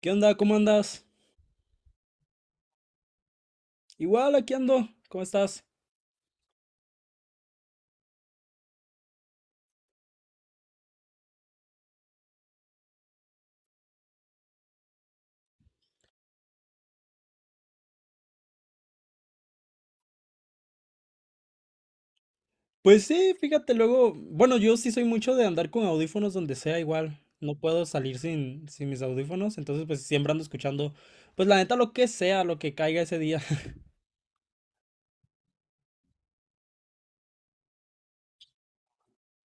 ¿Qué onda? ¿Cómo andas? Igual, aquí ando. ¿Cómo estás? Pues sí, fíjate, luego, bueno, yo sí soy mucho de andar con audífonos donde sea, igual. No puedo salir sin mis audífonos, entonces pues siempre ando escuchando, pues la neta lo que sea, lo que caiga ese día.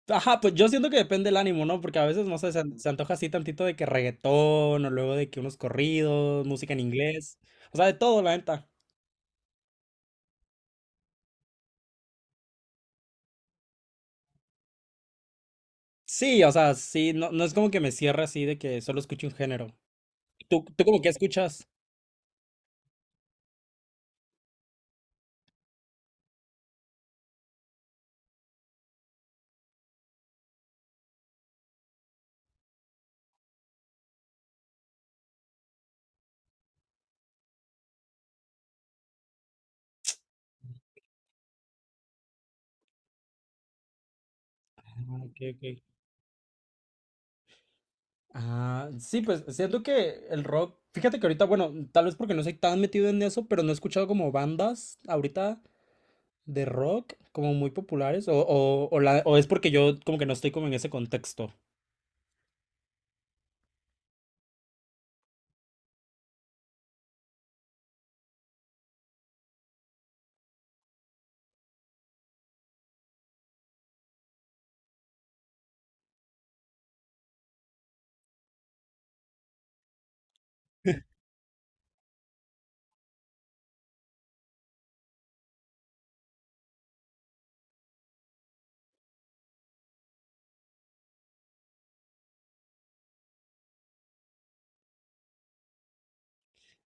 Ajá, pues yo siento que depende del ánimo, ¿no? Porque a veces, no sé, se antoja así tantito de que reggaetón o luego de que unos corridos, música en inglés, o sea, de todo, la neta. Sí, o sea, sí, no, no es como que me cierre así de que solo escuche un género. ¿¿Tú como que escuchas? Ah, ok, ok. Ah, sí, pues siento que el rock, fíjate que ahorita, bueno, tal vez porque no soy tan metido en eso, pero no he escuchado como bandas ahorita de rock como muy populares, o es porque yo como que no estoy como en ese contexto.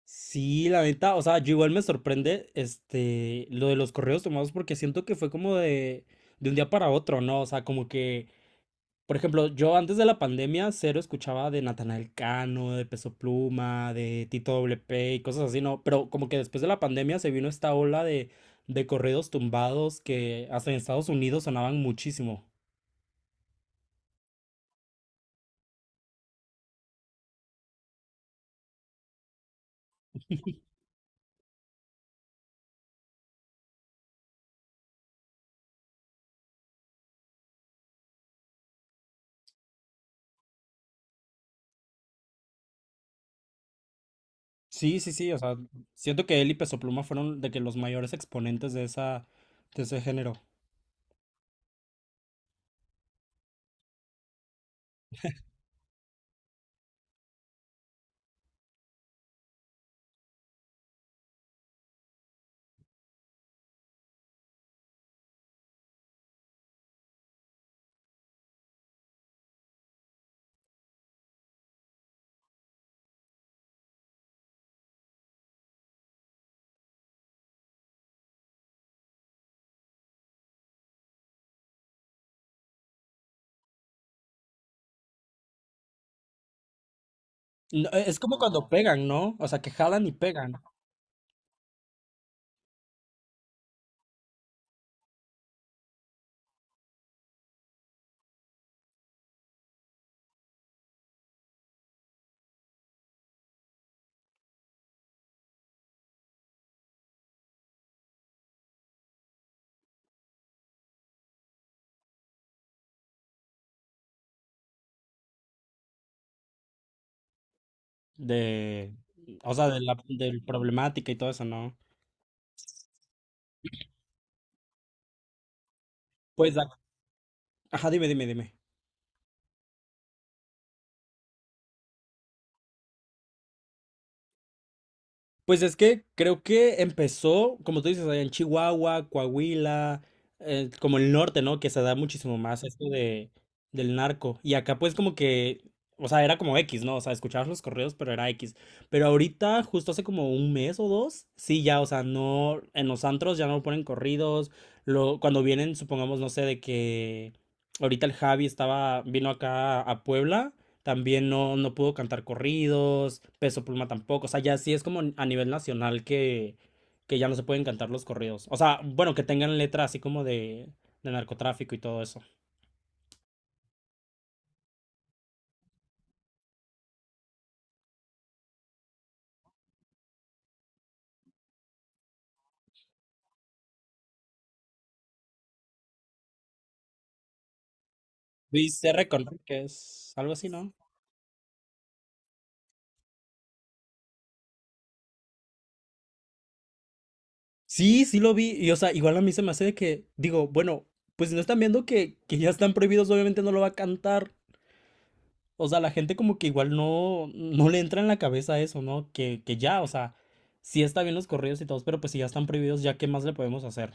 Sí, la neta, o sea, yo igual me sorprende lo de los correos tomados porque siento que fue como de un día para otro, ¿no? O sea, como que por ejemplo, yo antes de la pandemia cero escuchaba de Natanael Cano, de Peso Pluma, de Tito WP y cosas así, ¿no? Pero como que después de la pandemia se vino esta ola de corridos tumbados que hasta en Estados Unidos sonaban muchísimo. Sí, sí, sí, o sea, siento que él y Peso Pluma fueron de que los mayores exponentes de ese género. No, es como cuando pegan, ¿no? O sea, que jalan y pegan de, o sea, del problemática y todo eso, ¿no? Pues, ac- ajá, dime, dime, dime. Pues es que creo que empezó, como tú dices, allá en Chihuahua, Coahuila, como el norte, ¿no? Que se da muchísimo más esto de, del narco. Y acá pues como que, o sea, era como X, ¿no? O sea, escuchabas los correos, pero era X. Pero ahorita, justo hace como un mes o dos, sí, ya, o sea, no, en los antros ya no ponen corridos. Lo, cuando vienen, supongamos, no sé, de que ahorita el Javi estaba, vino acá a Puebla. También no, no pudo cantar corridos, Peso Pluma tampoco. O sea, ya sí es como a nivel nacional que ya no se pueden cantar los corridos. O sea, bueno, que tengan letra así como de narcotráfico y todo eso. ¿Viste Recon que es algo así, ¿no? Sí, sí lo vi. Y o sea, igual a mí se me hace de que, digo, bueno, pues si no están viendo que ya están prohibidos, obviamente no lo va a cantar. O sea, la gente como que igual no, no le entra en la cabeza eso, ¿no? Que ya, o sea, sí está bien los corridos y todos, pero pues si ya están prohibidos, ya qué más le podemos hacer.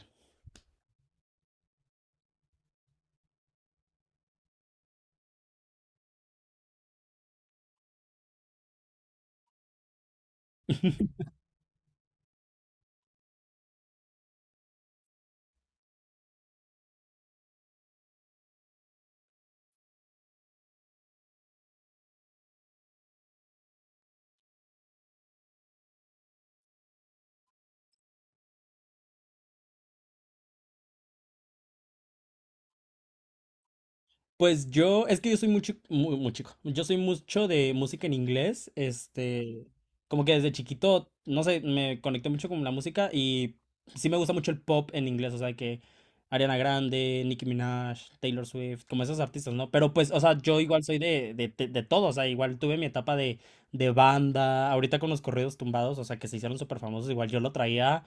Pues yo, es que yo soy muy, muy, muy chico, yo soy mucho de música en inglés, como que desde chiquito, no sé, me conecté mucho con la música y sí me gusta mucho el pop en inglés, o sea, que Ariana Grande, Nicki Minaj, Taylor Swift, como esos artistas, ¿no? Pero pues, o sea, yo igual soy de todo, o sea, igual tuve mi etapa de banda, ahorita con los corridos tumbados, o sea, que se hicieron súper famosos, igual yo lo traía,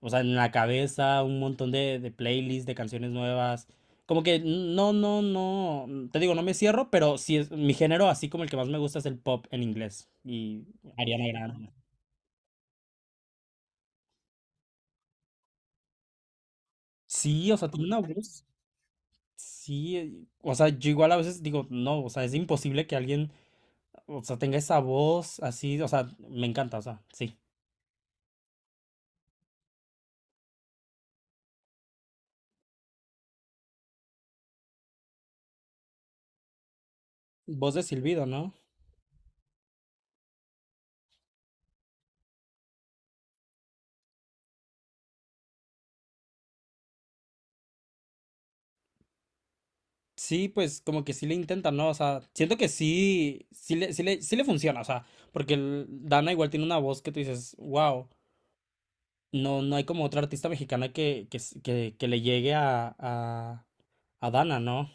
o sea, en la cabeza, un montón de playlists, de canciones nuevas. Como que no, te digo, no me cierro, pero sí es mi género, así como el que más me gusta es el pop en inglés y Ariana Grande. Sí, o sea, tiene una voz. Sí, o sea, yo igual a veces digo, no, o sea, es imposible que alguien, o sea, tenga esa voz así, o sea, me encanta, o sea, sí. Voz de silbido, ¿no? Sí, pues como que sí le intentan, ¿no? O sea, siento que sí, sí le funciona, o sea, porque Dana igual tiene una voz que tú dices, wow. No, no hay como otra artista mexicana que le llegue a Dana, ¿no?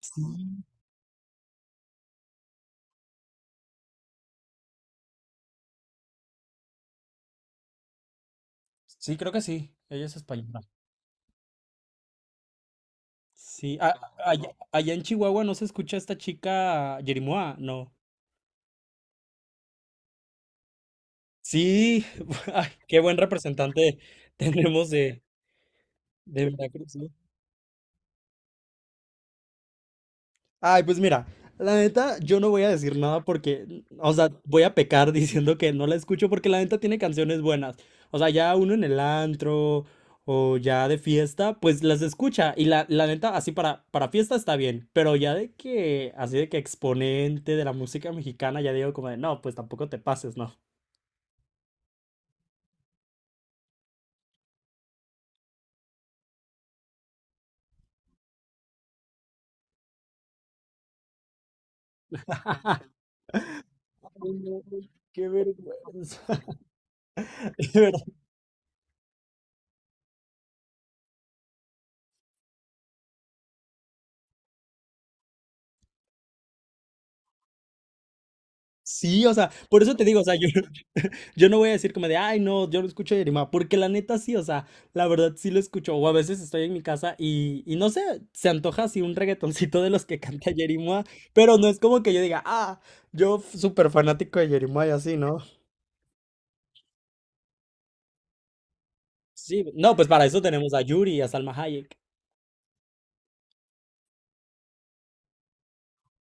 Sí. Sí, creo que sí. Ella es española. Sí. Allá en Chihuahua no se escucha esta chica Yerimoa, no. Sí. ay, qué buen representante tenemos de Veracruz. Ay, pues mira, la neta, yo no voy a decir nada porque, o sea, voy a pecar diciendo que no la escucho porque la neta tiene canciones buenas. O sea, ya uno en el antro o ya de fiesta, pues las escucha. Y la neta, así para fiesta está bien, pero ya de que, así de que exponente de la música mexicana, ya digo como de, no, pues tampoco te pases, ¿no? Ay, no, qué vergüenza. De sí, o sea, por eso te digo, o sea, yo, yo no voy a decir como de, ay, no, yo no escucho Yerima, porque la neta sí, o sea, la verdad sí lo escucho, o a veces estoy en mi casa y no sé, se antoja así un reggaetoncito de los que canta Yerima, pero no es como que yo diga, ah, súper fanático de Yerima y así, ¿no? Sí, no, pues para eso tenemos a Yuri y a Salma Hayek.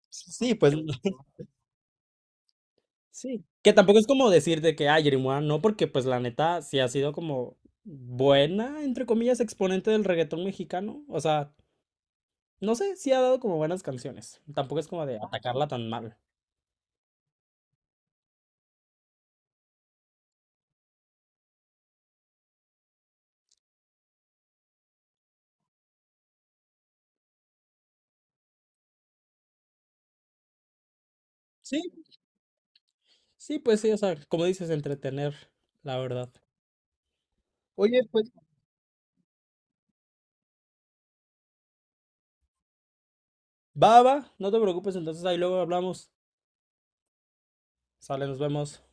Sí, pues sí. Que tampoco es como decir de que, ah, Yerima no, porque pues la neta sí ha sido como buena, entre comillas, exponente del reggaetón mexicano, o sea... No sé, sí ha dado como buenas canciones. Tampoco es como de atacarla tan mal. Sí, sí, pues sí, o sea, como dices, entretener, la verdad. Oye, pues va, va, no te preocupes, entonces ahí luego hablamos. Sale, nos vemos.